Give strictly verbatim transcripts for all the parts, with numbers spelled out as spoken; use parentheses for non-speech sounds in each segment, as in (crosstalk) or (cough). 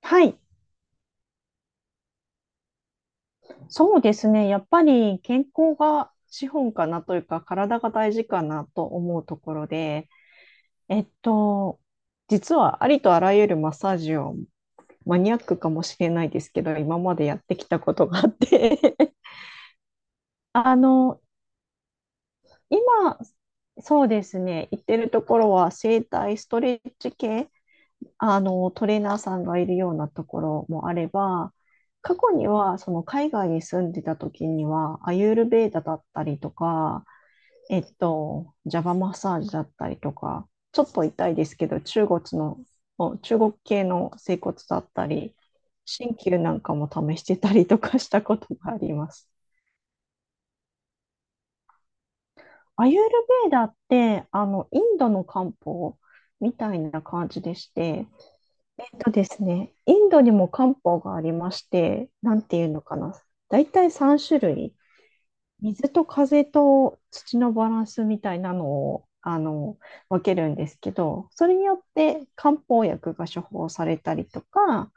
はい、そうですね。やっぱり健康が資本かなというか、体が大事かなと思うところで、えっと、実はありとあらゆるマッサージを、マニアックかもしれないですけど、今までやってきたことがあって。 (laughs) あの、今、そうですね、行ってるところは整体ストレッチ系、あの、トレーナーさんがいるようなところもあれば、過去には、その海外に住んでた時には、アユールベーダだったりとか、えっと、ジャバマッサージだったりとか、ちょっと痛いですけど、中国の、中国系の整骨だったり、鍼灸なんかも試してたりとかしたことがあります。アユールベーダって、あの、インドの漢方みたいな感じでして、とですね、インドにも漢方がありまして、なんていうのかな。だいたいさんしゅるい種類。水と風と土のバランスみたいなのを、あの、分けるんですけど、それによって漢方薬が処方されたりとか、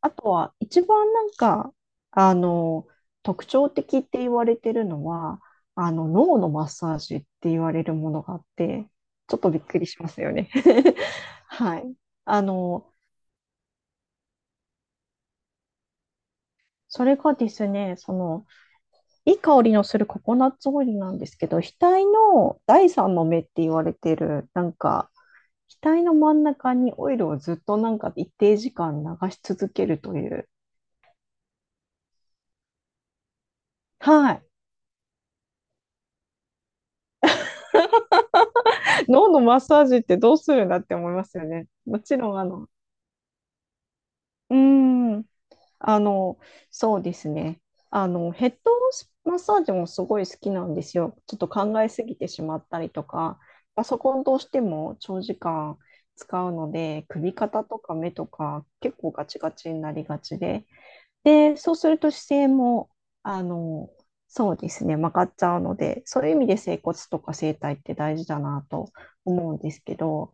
あとは一番なんか、あの、特徴的って言われてるのは、あの、脳のマッサージって言われるものがあって、ちょっとびっくりしますよね。(laughs) はい。あの、それがですね、その、いい香りのするココナッツオイルなんですけど、額の第三の目って言われてる、なんか、額の真ん中にオイルをずっとなんか一定時間流し続けるという。はい。脳のマッサージってどうするんだって思いますよね。もちろん、あの、うーん、あの、そうですね。あの、ヘッドマッサージもすごい好きなんですよ。ちょっと考えすぎてしまったりとか、パソコンどうしても長時間使うので、首肩とか目とか結構ガチガチになりがちで、で、そうすると姿勢も、あの、そうですね、曲がっちゃうので、そういう意味で整骨とか整体って大事だなと思うんですけど、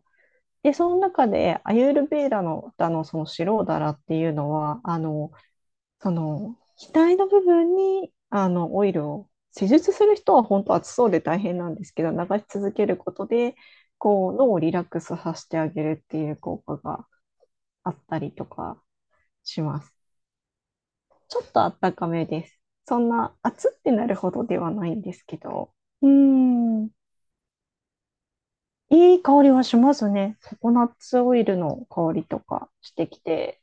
で、その中でアユールヴェーダの、あの、そのシローダラっていうのは、あの、その、額の部分に、あの、オイルを、施術する人は本当暑そうで大変なんですけど、流し続けることで、こう、脳をリラックスさせてあげるっていう効果があったりとかします。ちょっとあったかめです。そんな暑ってなるほどではないんですけど、うーん。いい香りはしますね。ココナッツオイルの香りとかしてきて、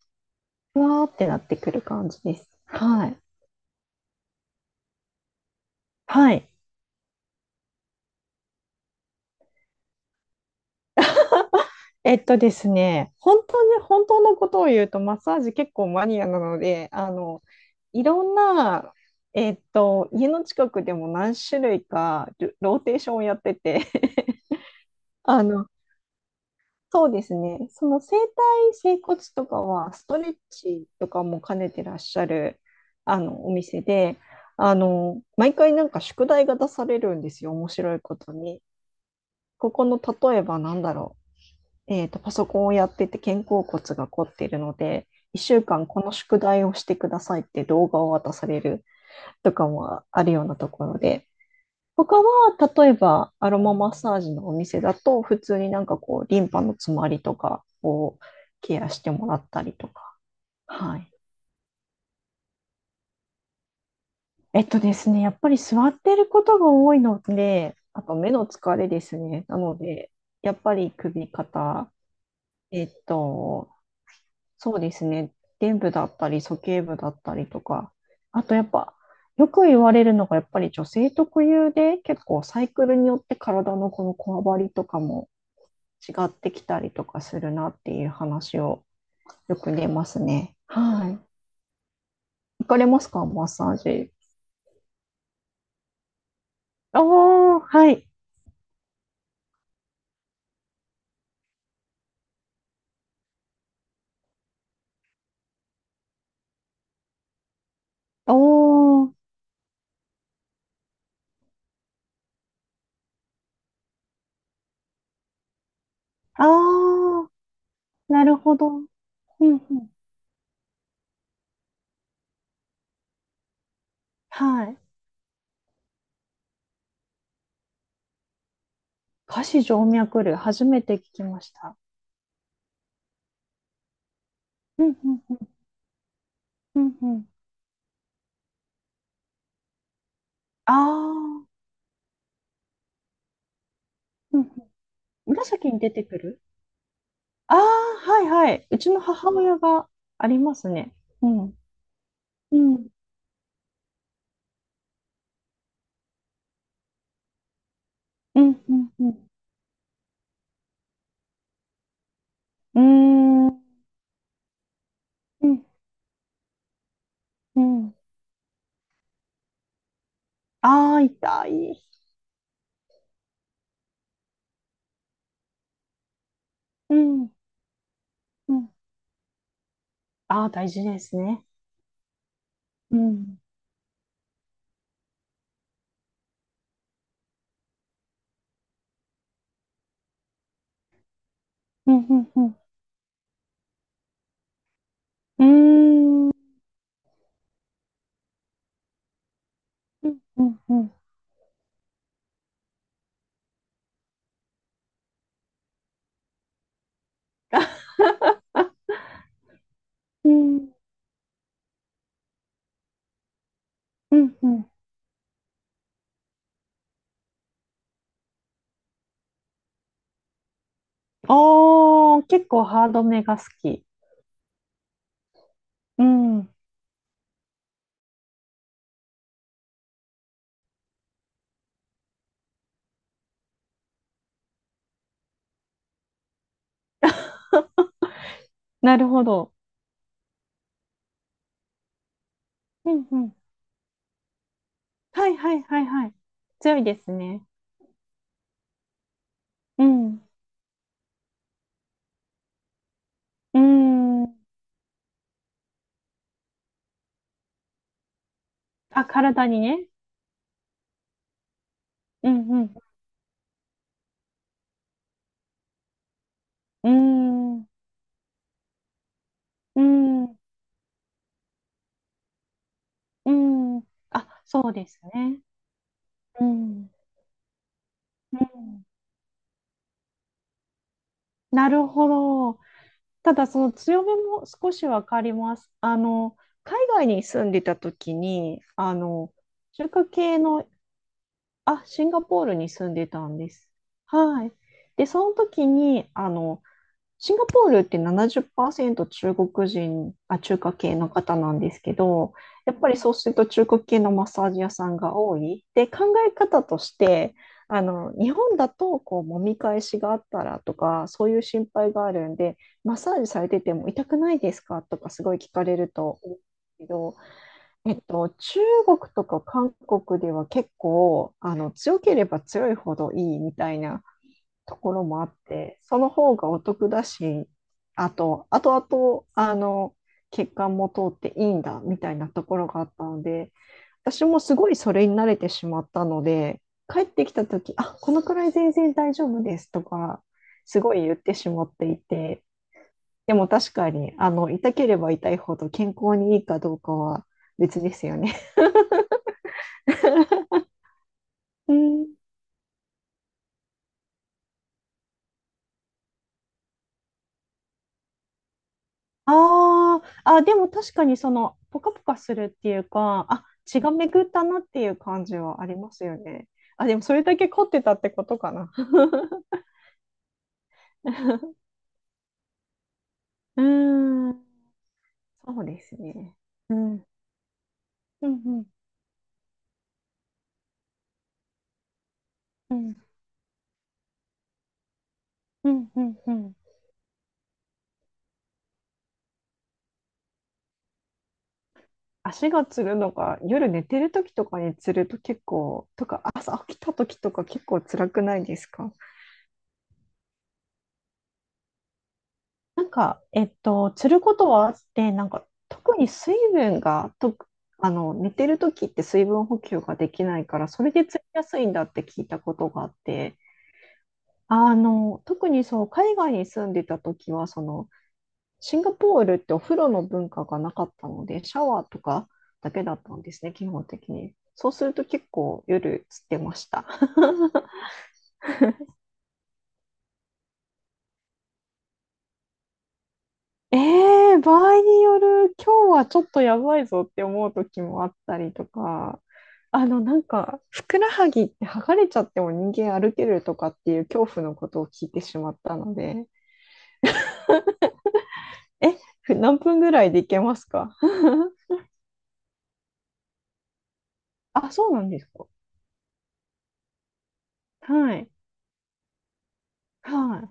ふわーってなってくる感じです。はい。はい。えっとですね、本当に、本当のことを言うと、マッサージ結構マニアなので、あの、いろんな、えっと、家の近くでも何種類かルローテーションをやってて、(laughs) あの、そうですね、その整体、整骨とかは、ストレッチとかも兼ねてらっしゃる、あの、お店で、あの、毎回なんか宿題が出されるんですよ、面白いことに。ここの、例えばなんだろう。えっと、パソコンをやってて肩甲骨が凝っているので、いっしゅうかんこの宿題をしてくださいって動画を渡されるとかもあるようなところで、他は例えばアロママッサージのお店だと、普通になんかこう、リンパの詰まりとかをケアしてもらったりとか。はい。えっとですね、やっぱり座ってることが多いので、あと目の疲れですね。なので、やっぱり首、肩、えっと、そうですね。伝部だったり、鼠径部だったりとか、あとやっぱ、よく言われるのが、やっぱり女性特有で、結構サイクルによって体のこのこわばりとかも違ってきたりとかするなっていう話をよく出ますね。はい。行かれますか、マッサージ。おー、はい。おー、あー、なるほど。うんうん。はい。下肢静脈瘤、初めて聞きました。うんうんうんうんうん。あー、うんうん、紫に出てくる。ああー、はい。はい。うちの母親がありますね。うん。うん。うん。うん。うん。うーん。うん。うん。ああー、痛い。うん。うん。ああ、大事ですね。うん。うん。うん。うん。うーん。うん。うん。うん。うん。うんうん。おー、結構ハードめが好き。うん。なるほど。うんうん。はいはいはいはい。強いですね。うん。うん。あ、体にね。うんうん。うーん。うーん。うーん。あ、そうですね。うん。うん。なるほど。ただ、その強めも少しわかります。あの、海外に住んでた時に、あの、中華系の、あ、シンガポールに住んでたんです。はい。で、その時に、あの、シンガポールってななじゅっパーセント中国人、あ、中華系の方なんですけど、やっぱりそうすると中華系のマッサージ屋さんが多い。で、考え方として、あの、日本だとこう揉み返しがあったらとか、そういう心配があるんで、マッサージされてても痛くないですかとかすごい聞かれると思うんですけど、えっと、中国とか韓国では結構、あの、強ければ強いほどいいみたいなところもあって、その方がお得だし、あと、あとあと、あの、血管も通っていいんだみたいなところがあったので、私もすごいそれに慣れてしまったので、帰ってきた時あ、このくらい全然大丈夫ですとか、すごい言ってしまっていて、でも確かに、あの、痛ければ痛いほど健康にいいかどうかは別ですよね。(laughs) うん、あーあ、でも確かにその、ポカポカするっていうか、あ、血が巡ったなっていう感じはありますよね。あ、でもそれだけ凝ってたってことかな。(laughs) うーん、そうですね。うん、うん、うん、うん、うん、うん。うん。足がつるのが夜寝てる時とかにつると結構、とか朝起きた時とか結構辛くないですか？なんか、えっと、つることはあって、なんか、特に水分が、と、あの、寝てる時って水分補給ができないから、それでつりやすいんだって聞いたことがあって、あの、特にそう、海外に住んでた時は、その、シンガポールってお風呂の文化がなかったので、シャワーとかだけだったんですね、基本的に。そうすると結構夜つってました。(laughs) ええ、場合による、今日はちょっとやばいぞって思う時もあったりとか、あの、なんか、ふくらはぎって剥がれちゃっても人間歩けるとかっていう恐怖のことを聞いてしまったので、え、ふ何分ぐらいでいけますか？あ、そうなんですか。はい。は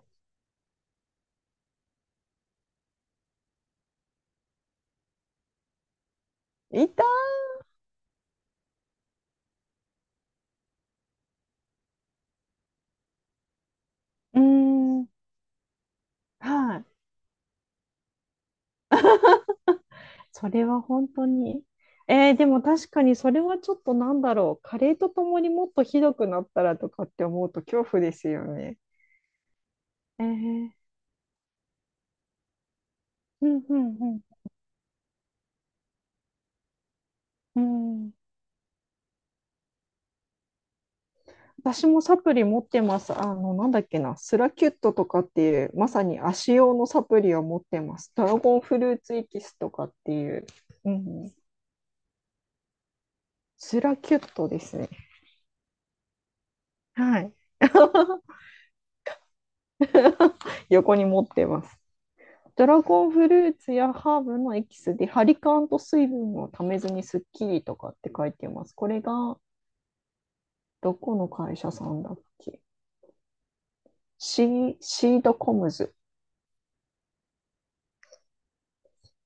い。痛い。うーん。はい。それは本当に。えーでも確かにそれはちょっとなんだろう。加齢とともにもっとひどくなったらとかって思うと恐怖ですよね。えー、うんうんうん。うん、私もサプリ持ってます。あの、なんだっけな、スラキュットとかっていう、まさに足用のサプリを持ってます。ドラゴンフルーツエキスとかっていう、うん、スラキュットですね。はい。(laughs) 横に持ってます。ドラゴンフルーツやハーブのエキスで、ハリカンと水分をためずにスッキリとかって書いてます。これが、どこの会社さんだっけ。シー、シードコムズ